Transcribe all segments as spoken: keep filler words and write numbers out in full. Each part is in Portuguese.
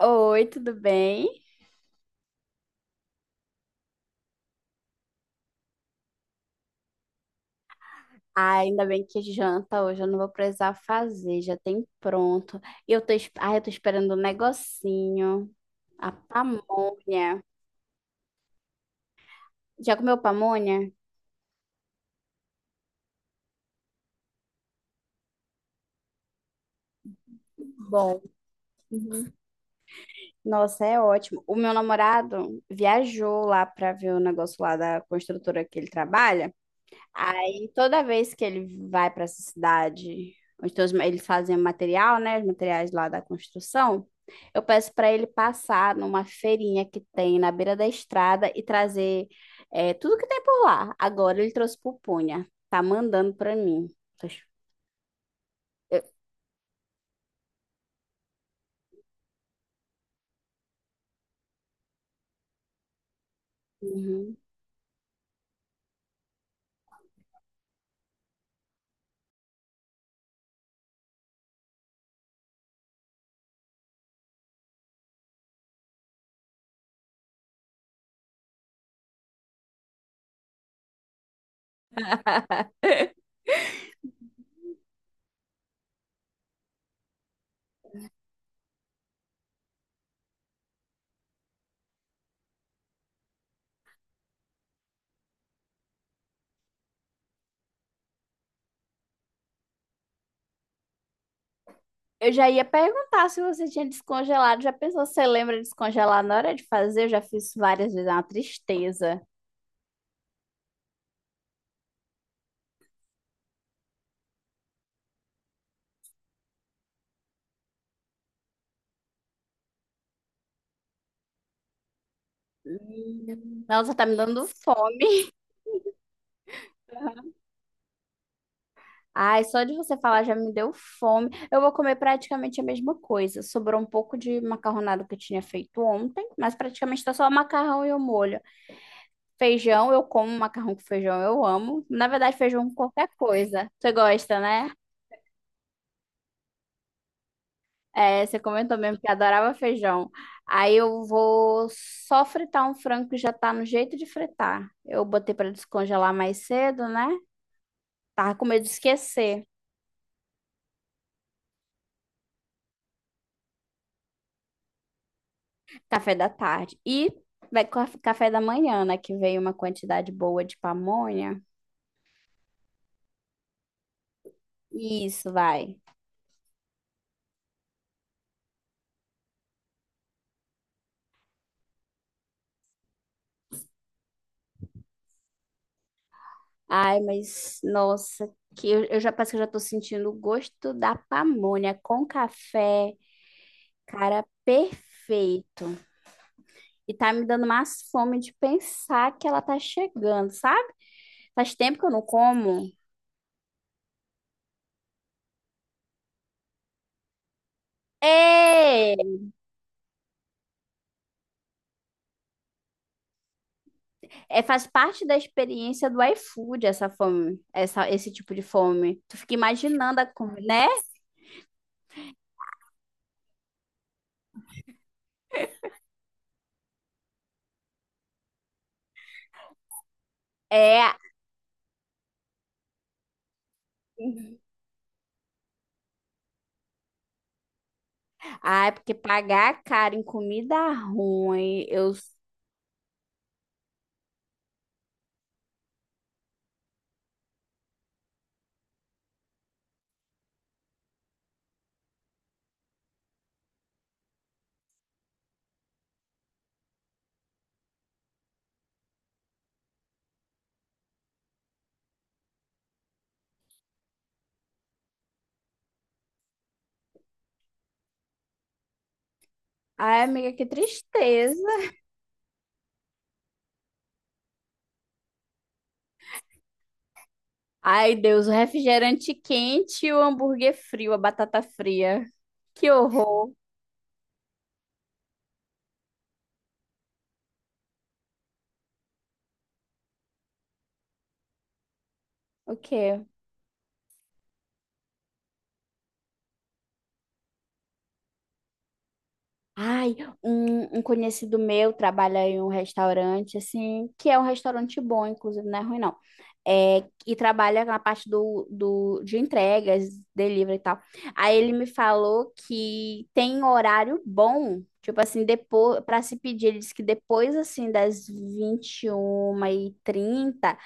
Oi, tudo bem? Ah, ainda bem que janta hoje, eu não vou precisar fazer, já tem pronto. E Eu tô, es- ah, eu tô esperando um negocinho, a pamonha. Já comeu pamonha? Bom. Uhum. Nossa, é ótimo. O meu namorado viajou lá pra ver o negócio lá da construtora que ele trabalha. Aí toda vez que ele vai para essa cidade, onde todos, eles fazem material, né? Os materiais lá da construção, eu peço para ele passar numa feirinha que tem na beira da estrada e trazer é, tudo que tem por lá. Agora ele trouxe pupunha, tá mandando para mim. Tô ch- Eu, Uhum. Eu já ia perguntar se você tinha descongelado. Já pensou se você lembra de descongelar na hora de fazer? Eu já fiz várias vezes, é uma tristeza. Hum. Nossa, tá me dando fome. Ai, só de você falar já me deu fome. Eu vou comer praticamente a mesma coisa. Sobrou um pouco de macarronada que eu tinha feito ontem, mas praticamente tá só macarrão e o molho. Feijão, eu como macarrão com feijão, eu amo. Na verdade, feijão com qualquer coisa. Você gosta, né? É, você comentou mesmo que adorava feijão. Aí eu vou só fritar um frango que já tá no jeito de fritar. Eu botei pra descongelar mais cedo, né? Tava com medo de esquecer. Café da tarde. E vai com a- café da manhã, né? Que veio uma quantidade boa de pamonha. Isso, vai. Ai, mas nossa, que eu, eu já parece que eu já tô sentindo o gosto da pamonha com café. Cara, perfeito. E tá me dando mais fome de pensar que ela tá chegando, sabe? Faz tempo que eu não como. É, é, faz parte da experiência do iFood essa fome, essa, esse tipo de fome. Tu fica imaginando a comida, né? É, ai, porque pagar caro em comida ruim, eu. Ai, amiga, que tristeza. Ai, Deus, o refrigerante quente e o hambúrguer frio, a batata fria. Que horror. O quê? Ai, um, um conhecido meu trabalha em um restaurante, assim, que é um restaurante bom, inclusive, não é ruim, não. É, e trabalha na parte do, do, de entregas, delivery e tal. Aí ele me falou que tem horário bom, tipo assim, depois, para se pedir, ele disse que depois, assim, das vinte e uma e trinta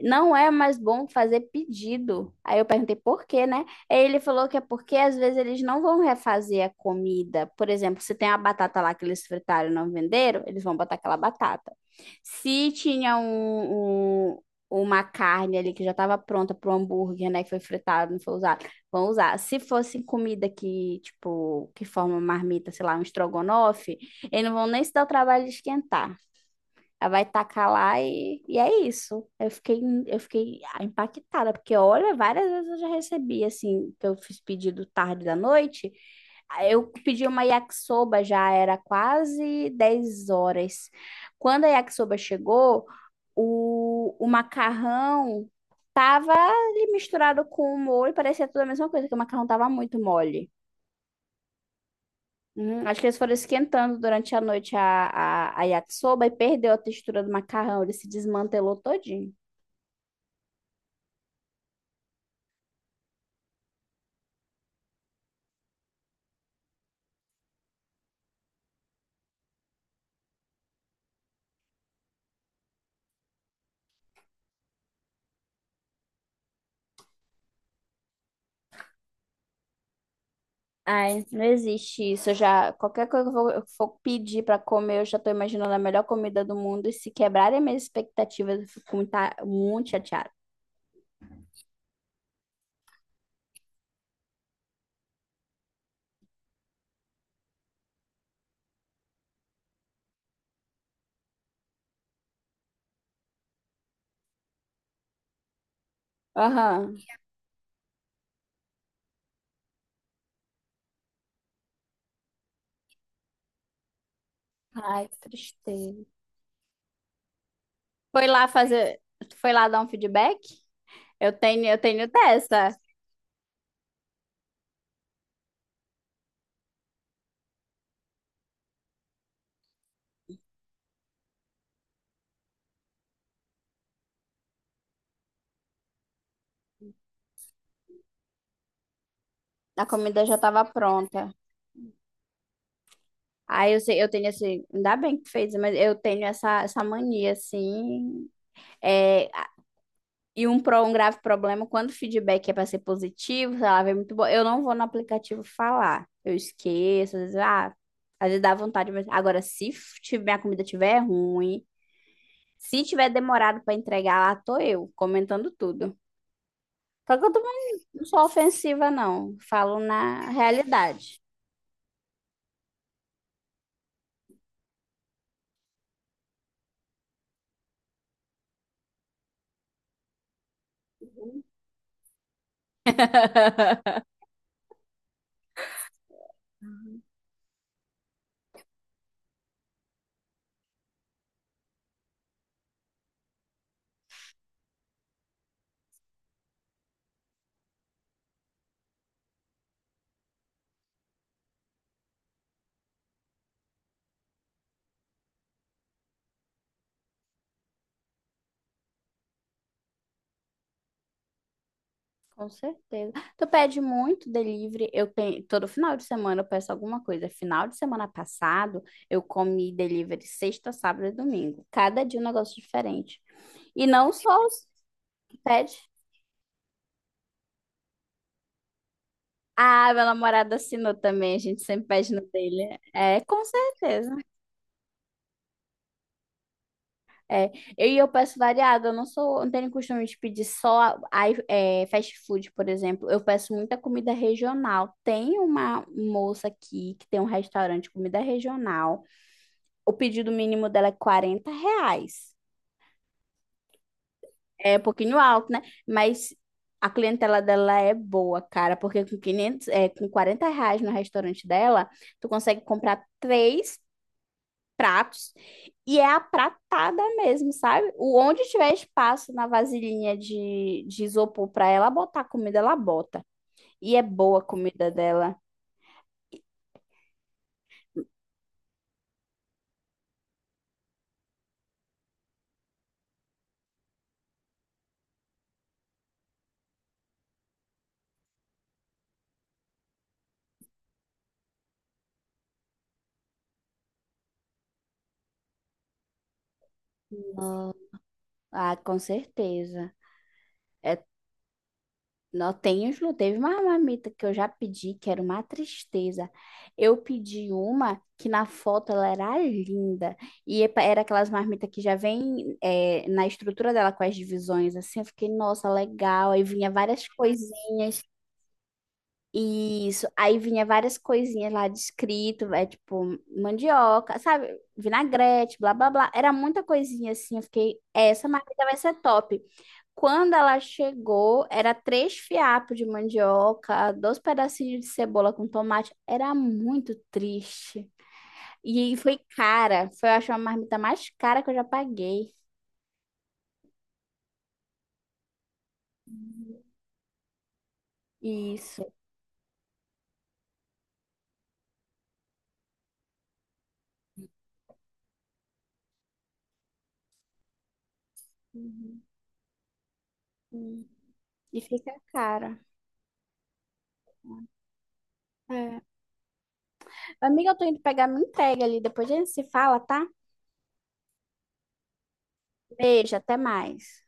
não é mais bom fazer pedido. Aí eu perguntei por quê, né? Aí ele falou que é porque às vezes eles não vão refazer a comida. Por exemplo, se tem a batata lá que eles fritaram e não venderam, eles vão botar aquela batata. Se tinha um, um- uma carne ali que já estava pronta para o hambúrguer, né, que foi fritado, não foi usado, vão usar. Se fosse comida que, tipo, que forma marmita, sei lá, um estrogonofe, eles não vão nem se dar o trabalho de esquentar. Ela vai tacar lá e, e é isso. Eu fiquei, eu fiquei impactada, porque olha, várias vezes eu já recebi, assim, que eu fiz pedido tarde da noite. Aí eu pedi uma yakisoba, já era quase dez horas. Quando a yakisoba chegou, o, o macarrão tava ali misturado com o molho, parecia tudo a mesma coisa, que o macarrão tava muito mole. Hum, acho que eles foram esquentando durante a noite a, a, a yakisoba e perdeu a textura do macarrão. Ele se desmantelou todinho. Ai, não existe isso. Eu já, qualquer coisa que eu for, eu for pedir para comer, eu já tô imaginando a melhor comida do mundo. E se quebrarem as minhas expectativas, eu fico muito, muito chateada. Aham. Ai, que tristeza. Foi lá fazer. Tu foi lá dar um feedback? Eu tenho, eu tenho dessa. A comida já estava pronta. Aí eu sei, eu tenho esse, ainda bem que fez, mas eu tenho essa, essa mania, assim, é, e um, pro, um grave problema, quando o feedback é para ser positivo, sei lá, vem muito bom, eu não vou no aplicativo falar, eu esqueço, às vezes, ah, às vezes dá vontade, mas agora, se f- ti- minha comida tiver ruim, se tiver demorado para entregar, lá tô eu, comentando tudo. Só que eu também não sou ofensiva, não, falo na realidade. Com certeza. Tu pede muito delivery. Eu tenho, todo final de semana eu peço alguma coisa. Final de semana passado, eu comi delivery sexta, sábado e domingo. Cada dia um negócio diferente. E não só os que pede. Ah, meu namorado assinou também. A gente sempre pede no dele. É, com certeza. É. Eu, e eu peço variado. Eu não sou, não tenho costume de pedir só ai- é, fast food, por exemplo. Eu peço muita comida regional. Tem uma moça aqui que tem um restaurante de comida regional. O pedido mínimo dela é quarenta reais. É um pouquinho alto, né? Mas a clientela dela é boa, cara, porque com quinhentos, é, com quarenta reais no restaurante dela, tu consegue comprar três pratos e é a pratada mesmo, sabe? O onde tiver espaço na vasilhinha de, de isopor pra ela botar comida, ela bota. E é boa a comida dela. Ah, com certeza. É, não tem os, não. Teve uma marmita que eu já pedi, que era uma tristeza. Eu pedi uma que na foto ela era linda. E epa- era aquelas marmitas que já vem é, na estrutura dela com as divisões, assim. Eu fiquei, nossa, legal. Aí vinha várias coisinhas. Isso. Aí vinha várias coisinhas lá descrito, é tipo mandioca, sabe? Vinagrete, blá, blá, blá. Era muita coisinha assim. Eu fiquei, "É, essa marmita vai ser top. Quando ela chegou, era três fiapos de mandioca, dois pedacinhos de cebola com tomate. Era muito triste. E foi cara. Foi, eu acho, a marmita mais cara que eu já paguei. Isso. Uhum. E fica cara. É. Amiga, eu tô indo pegar minha entrega ali. Depois a gente se fala, tá? Beijo, até mais.